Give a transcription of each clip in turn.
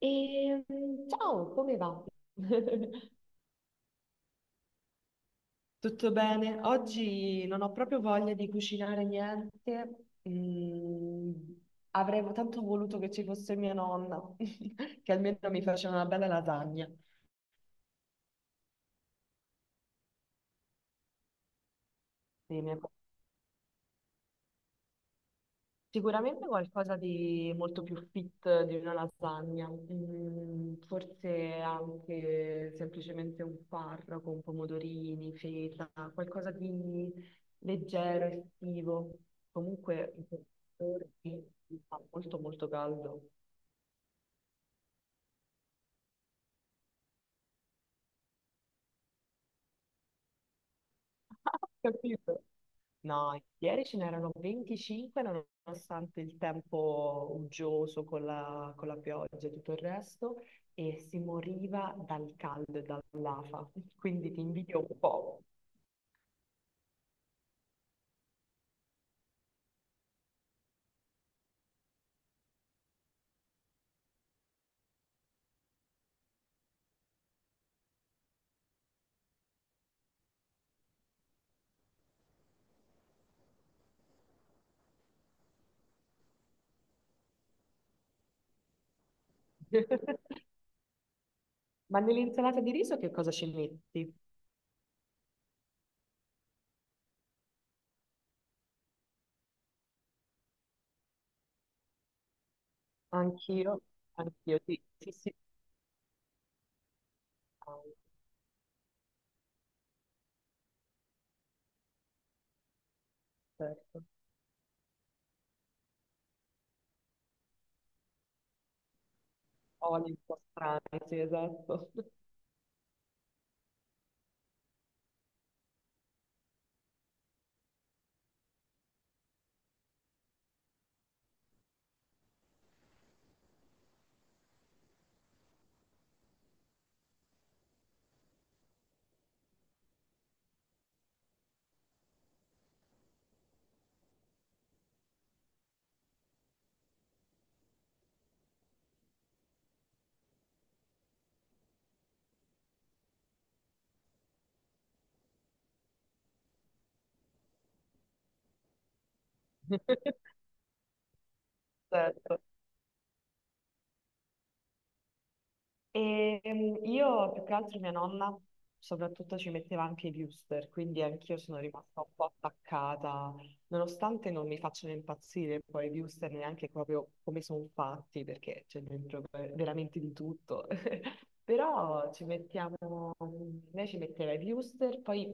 E ciao, come va? Tutto bene? Oggi non ho proprio voglia di cucinare niente. Avrei tanto voluto che ci fosse mia nonna, che almeno mi faceva una bella lasagna. Sì, mi è Sicuramente qualcosa di molto più fit di una lasagna. Forse anche semplicemente un farro con pomodorini, feta, qualcosa di leggero, estivo. Comunque, in questi giorni fa molto molto caldo. Capito? No, ieri ce n'erano 25, nonostante il tempo uggioso con la pioggia e tutto il resto, e si moriva dal caldo e dall'afa, quindi ti invidio un po'. Ma nell'insalata di riso che cosa ci metti? Anch'io, anch'io, sì, sì, sì. Ah, certo. Oli un po' strani, sì, esatto. Certo. E io più che altro mia nonna soprattutto ci metteva anche i booster, quindi anch'io sono rimasta un po' attaccata, nonostante non mi facciano impazzire poi i booster neanche proprio come sono fatti, perché c'è dentro veramente di tutto. Però ci mettiamo, lei ci metteva i wuster, poi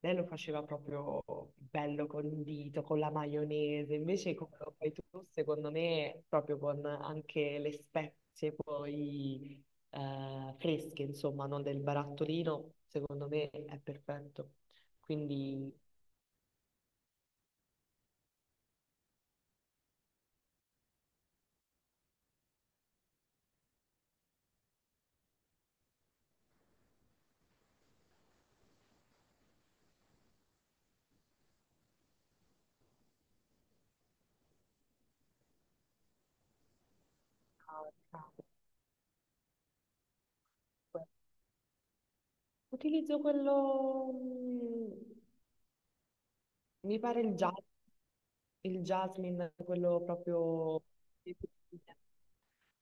lei lo faceva proprio bello condito, con la maionese. Invece, come lo fai tu, secondo me, proprio con anche le spezie poi fresche, insomma, non del barattolino, secondo me è perfetto. Quindi ah, utilizzo quello, mi pare il jasmine, quello proprio...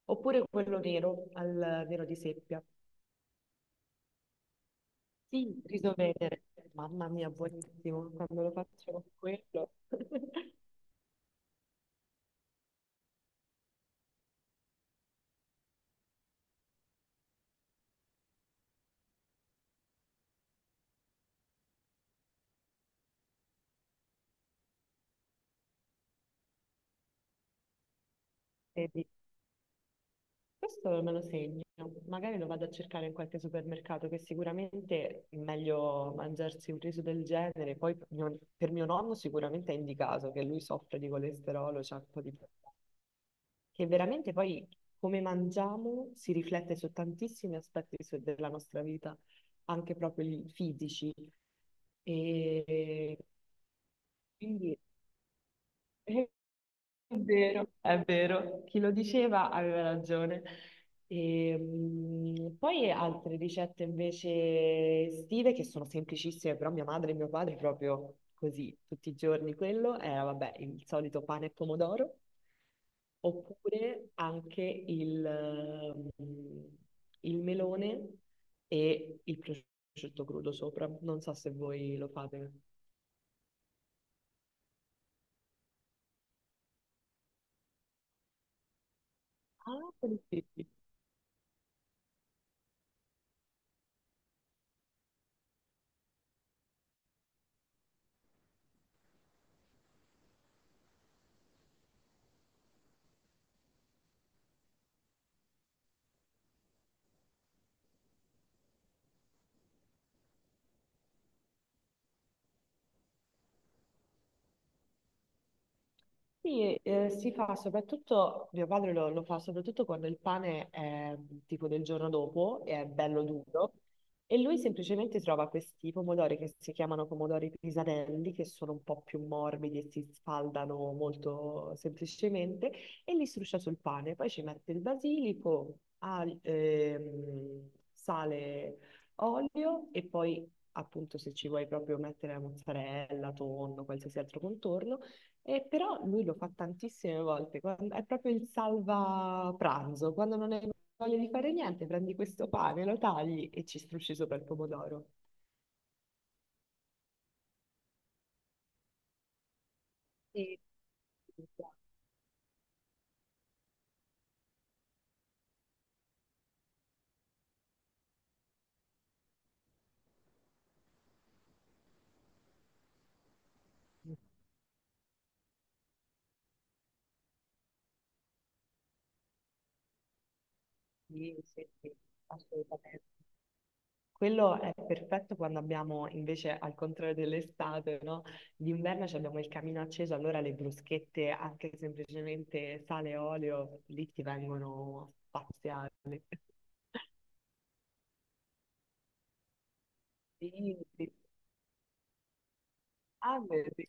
Oppure quello nero al vero di seppia. Sì, riso Venere. Mamma mia, buonissimo quando lo faccio con quello. Vedi, questo me lo segno. Magari lo vado a cercare in qualche supermercato, che sicuramente è meglio mangiarsi un riso del genere. Poi per mio nonno sicuramente è indicato, che lui soffre di colesterolo, c'ha un po' di... Che veramente poi come mangiamo si riflette su tantissimi aspetti della nostra vita, anche proprio i fisici. E quindi è vero, è vero, chi lo diceva aveva ragione. E, poi altre ricette invece estive che sono semplicissime, però mia madre e mio padre proprio così, tutti i giorni quello era, vabbè, il solito pane e pomodoro, oppure anche il il melone e il prosciutto crudo sopra. Non so se voi lo fate. Ah, sì. Sì, si fa soprattutto, mio padre lo fa soprattutto quando il pane è tipo del giorno dopo e è bello duro, e lui semplicemente trova questi pomodori che si chiamano pomodori pisarelli, che sono un po' più morbidi e si sfaldano molto semplicemente, e li struscia sul pane, poi ci mette il basilico, sale, olio e poi appunto, se ci vuoi proprio mettere la mozzarella, tonno, qualsiasi altro contorno. E però lui lo fa tantissime volte, è proprio il salva pranzo, quando non hai voglia di fare niente, prendi questo pane, lo tagli e ci strusci sopra il pomodoro. Sì, sì, sì, assolutamente. Quello è perfetto quando abbiamo invece, al contrario dell'estate, no? D'inverno ci abbiamo il camino acceso, allora le bruschette, anche semplicemente sale e olio, lì ti vengono spaziate. Sì, sì. Ah, vedi.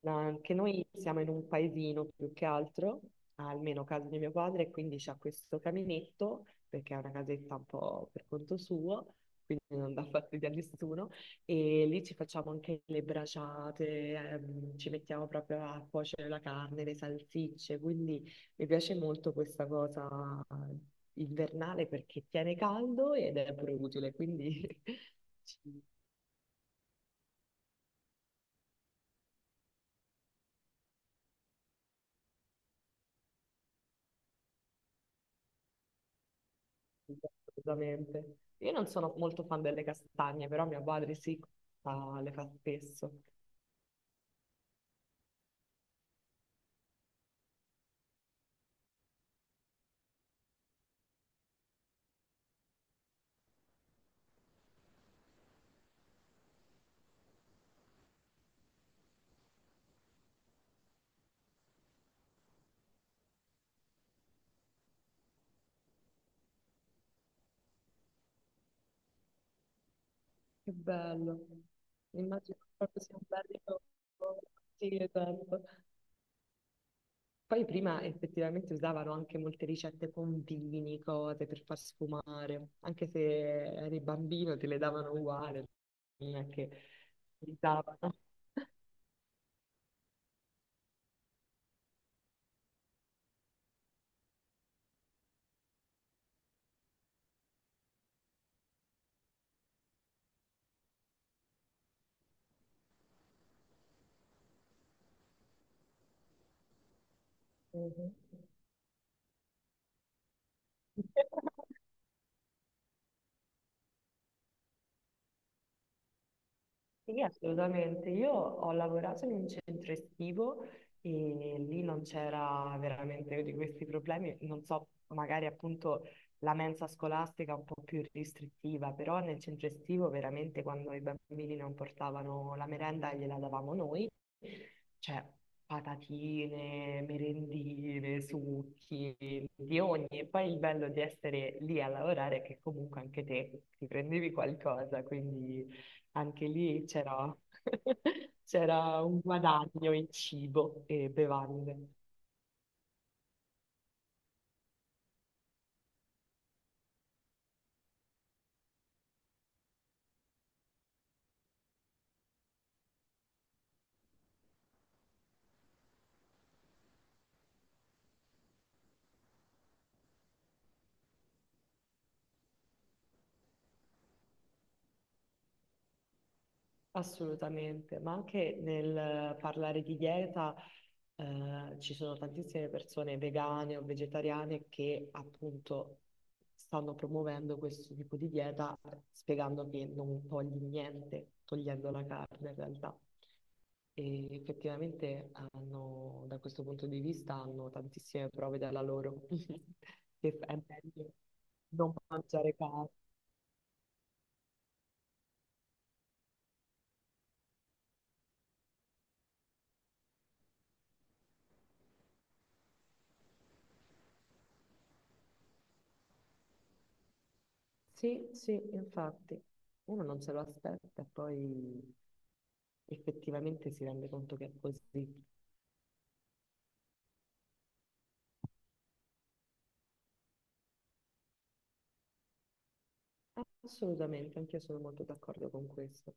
No, anche noi siamo in un paesino più che altro, almeno casa di mio padre, e quindi c'ha questo caminetto, perché è una casetta un po' per conto suo, quindi non dà fastidio a nessuno, e lì ci facciamo anche le braciate, ci mettiamo proprio a cuocere la carne, le salsicce, quindi mi piace molto questa cosa invernale perché tiene caldo ed è pure utile, quindi ci... Assolutamente. Io non sono molto fan delle castagne, però mio padre sì, le fa spesso. Che bello. Immagino proprio sia un bel ricordo. Sì, esatto. Poi prima effettivamente usavano anche molte ricette con vini, cose per far sfumare. Anche se eri bambino te le davano uguale, non è che ti davano. Mhm. Sì, assolutamente. Io ho lavorato in un centro estivo e lì non c'era veramente di questi problemi. Non so, magari appunto la mensa scolastica è un po' più restrittiva, però nel centro estivo veramente quando i bambini non portavano la merenda gliela davamo noi, cioè patatine, merendine, succhi, di ogni. E poi il bello di essere lì a lavorare è che comunque anche te ti prendevi qualcosa, quindi anche lì c'era c'era un guadagno in cibo e bevande. Assolutamente, ma anche nel parlare di dieta, ci sono tantissime persone vegane o vegetariane che appunto stanno promuovendo questo tipo di dieta, spiegando che non togli niente, togliendo la carne in realtà. E effettivamente hanno, da questo punto di vista hanno tantissime prove dalla loro, che è meglio non mangiare carne. Sì, sì, infatti, uno non se lo aspetta e poi effettivamente si rende conto che è così. Assolutamente, anch'io sono molto d'accordo con questo.